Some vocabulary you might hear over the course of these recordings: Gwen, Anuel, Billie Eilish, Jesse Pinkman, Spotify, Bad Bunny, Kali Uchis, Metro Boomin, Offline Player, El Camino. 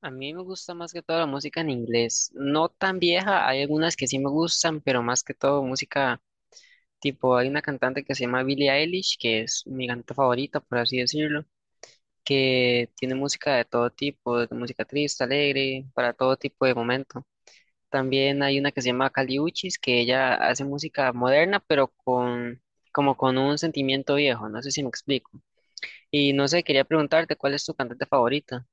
A mí me gusta más que todo la música en inglés, no tan vieja, hay algunas que sí me gustan, pero más que todo música tipo, hay una cantante que se llama Billie Eilish, que es mi cantante favorita, por así decirlo, que tiene música de todo tipo, de música triste, alegre, para todo tipo de momento. También hay una que se llama Kali Uchis, que ella hace música moderna, pero con como con un sentimiento viejo, no sé si me explico. Y no sé, quería preguntarte, ¿cuál es tu cantante favorita?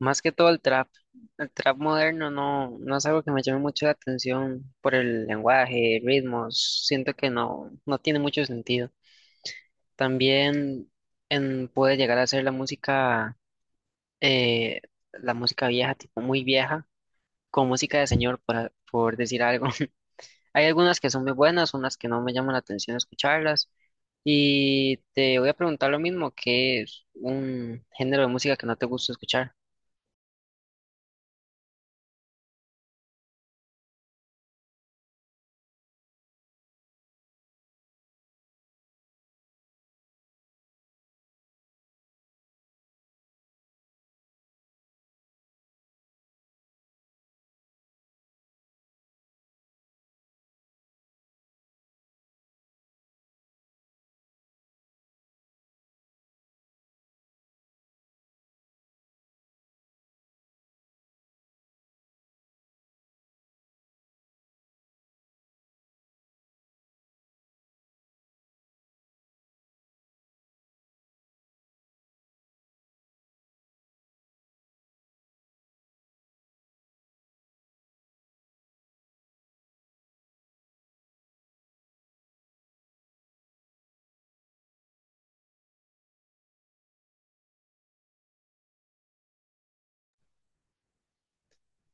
Más que todo el trap. El trap moderno no es algo que me llame mucho la atención por el lenguaje, ritmos. Siento que no tiene mucho sentido. También puede llegar a ser eh, la música vieja, tipo muy vieja, con música de señor, por decir algo. Hay algunas que son muy buenas, unas que no me llaman la atención escucharlas. Y te voy a preguntar lo mismo, ¿qué es un género de música que no te gusta escuchar?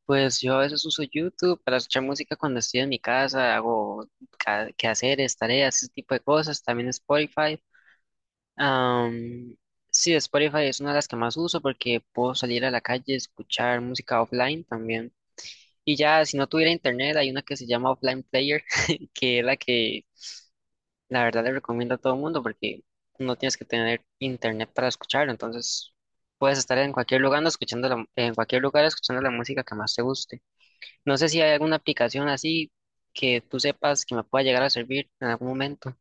Pues yo a veces uso YouTube para escuchar música cuando estoy en mi casa, hago quehaceres, tareas, ese tipo de cosas, también Spotify. Am, sí, Spotify es una de las que más uso porque puedo salir a la calle y escuchar música offline también. Y ya, si no tuviera internet, hay una que se llama Offline Player, que es la que la verdad le recomiendo a todo el mundo porque no tienes que tener internet para escucharlo, entonces puedes estar en cualquier lugar en cualquier lugar escuchando la música que más te guste. No sé si hay alguna aplicación así que tú sepas que me pueda llegar a servir en algún momento.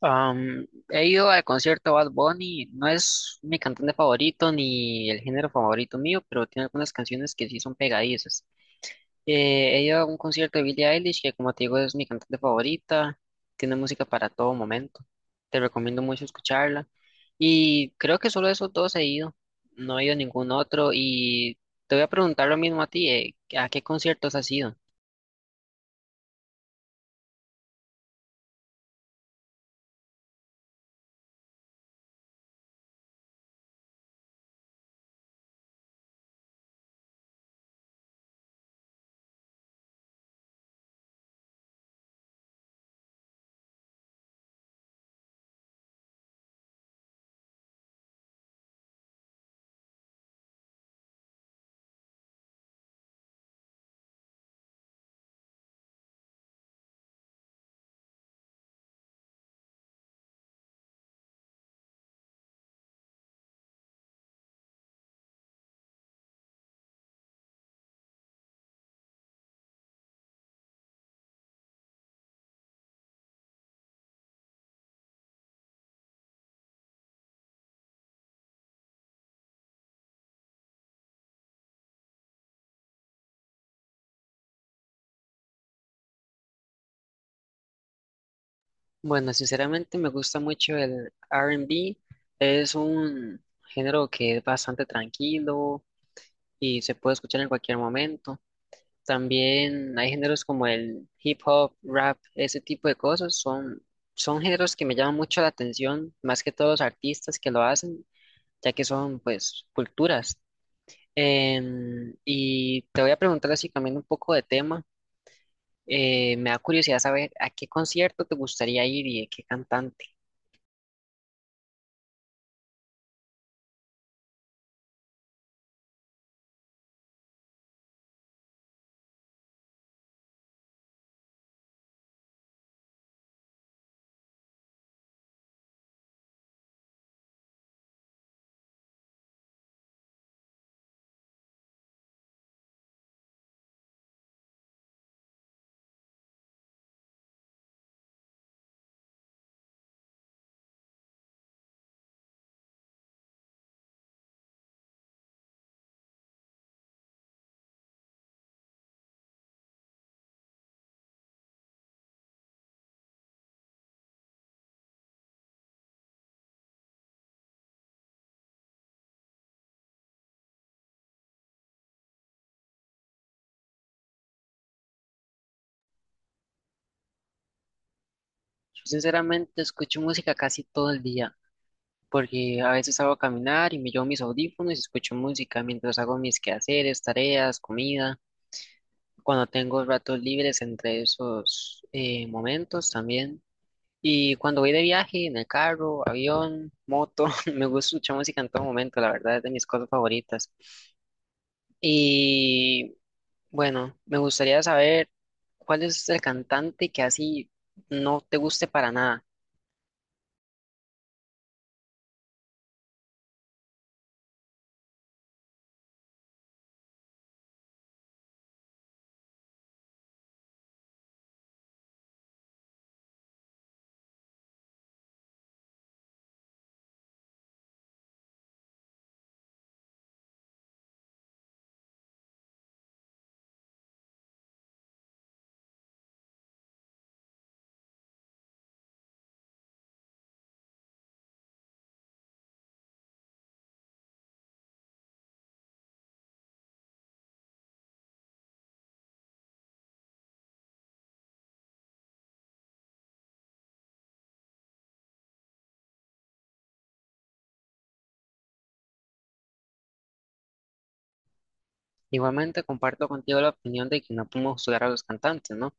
He ido al concierto de Bad Bunny, no es mi cantante favorito ni el género favorito mío, pero tiene algunas canciones que sí son pegadizas. He ido a un concierto de Billie Eilish, que como te digo es mi cantante favorita, tiene música para todo momento. Te recomiendo mucho escucharla. Y creo que solo esos dos he ido, no he ido a ningún otro. Y te voy a preguntar lo mismo a ti, ¿a qué conciertos has ido? Bueno, sinceramente me gusta mucho el R&B. Es un género que es bastante tranquilo y se puede escuchar en cualquier momento. También hay géneros como el hip hop, rap, ese tipo de cosas. Son géneros que me llaman mucho la atención, más que todos los artistas que lo hacen, ya que son pues culturas. Y te voy a preguntar así cambiando un poco de tema. Me da curiosidad saber a qué concierto te gustaría ir y de qué cantante. Yo sinceramente escucho música casi todo el día, porque a veces hago a caminar y me llevo mis audífonos y escucho música mientras hago mis quehaceres, tareas, comida, cuando tengo ratos libres entre esos momentos también. Y cuando voy de viaje, en el carro, avión, moto, me gusta escuchar música en todo momento, la verdad es de mis cosas favoritas. Y bueno, me gustaría saber cuál es el cantante que así no te guste para nada. Igualmente comparto contigo la opinión de que no podemos juzgar a los cantantes, ¿no?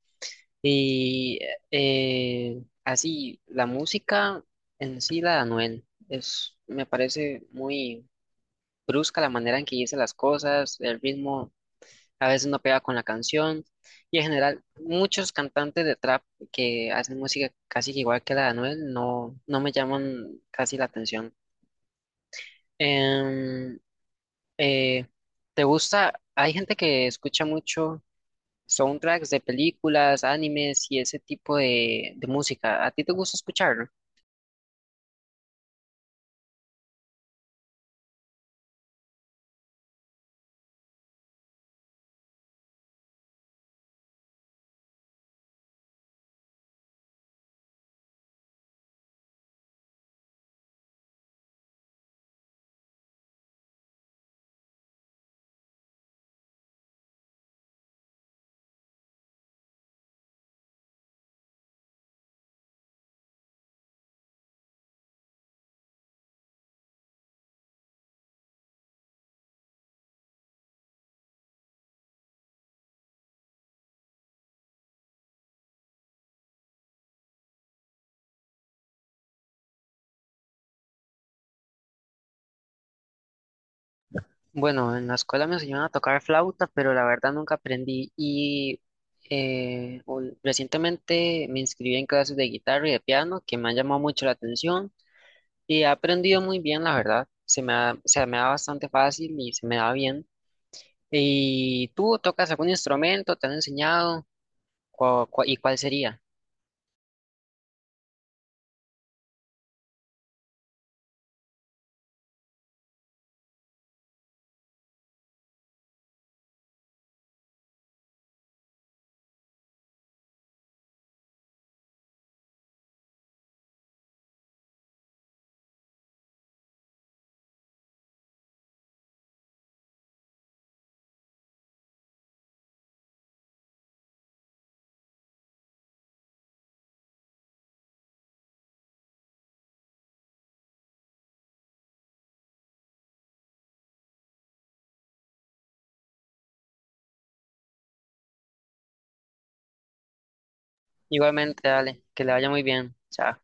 Y así, la música en sí, la de Anuel, me parece muy brusca la manera en que dice las cosas, el ritmo a veces no pega con la canción, y en general muchos cantantes de trap que hacen música casi que igual que la de Anuel no me llaman casi la atención. Em, eh, ¿Te gusta? Hay gente que escucha mucho soundtracks de películas, animes y ese tipo de música. ¿A ti te gusta escucharlo? Bueno, en la escuela me enseñaron a tocar flauta, pero la verdad nunca aprendí. Y recientemente me inscribí en clases de guitarra y de piano, que me han llamado mucho la atención y he aprendido muy bien, la verdad. Se me da bastante fácil y se me da bien. ¿Y tú tocas algún instrumento? ¿Te han enseñado? ¿Y cuál sería? Igualmente, dale, que le vaya muy bien. Chao.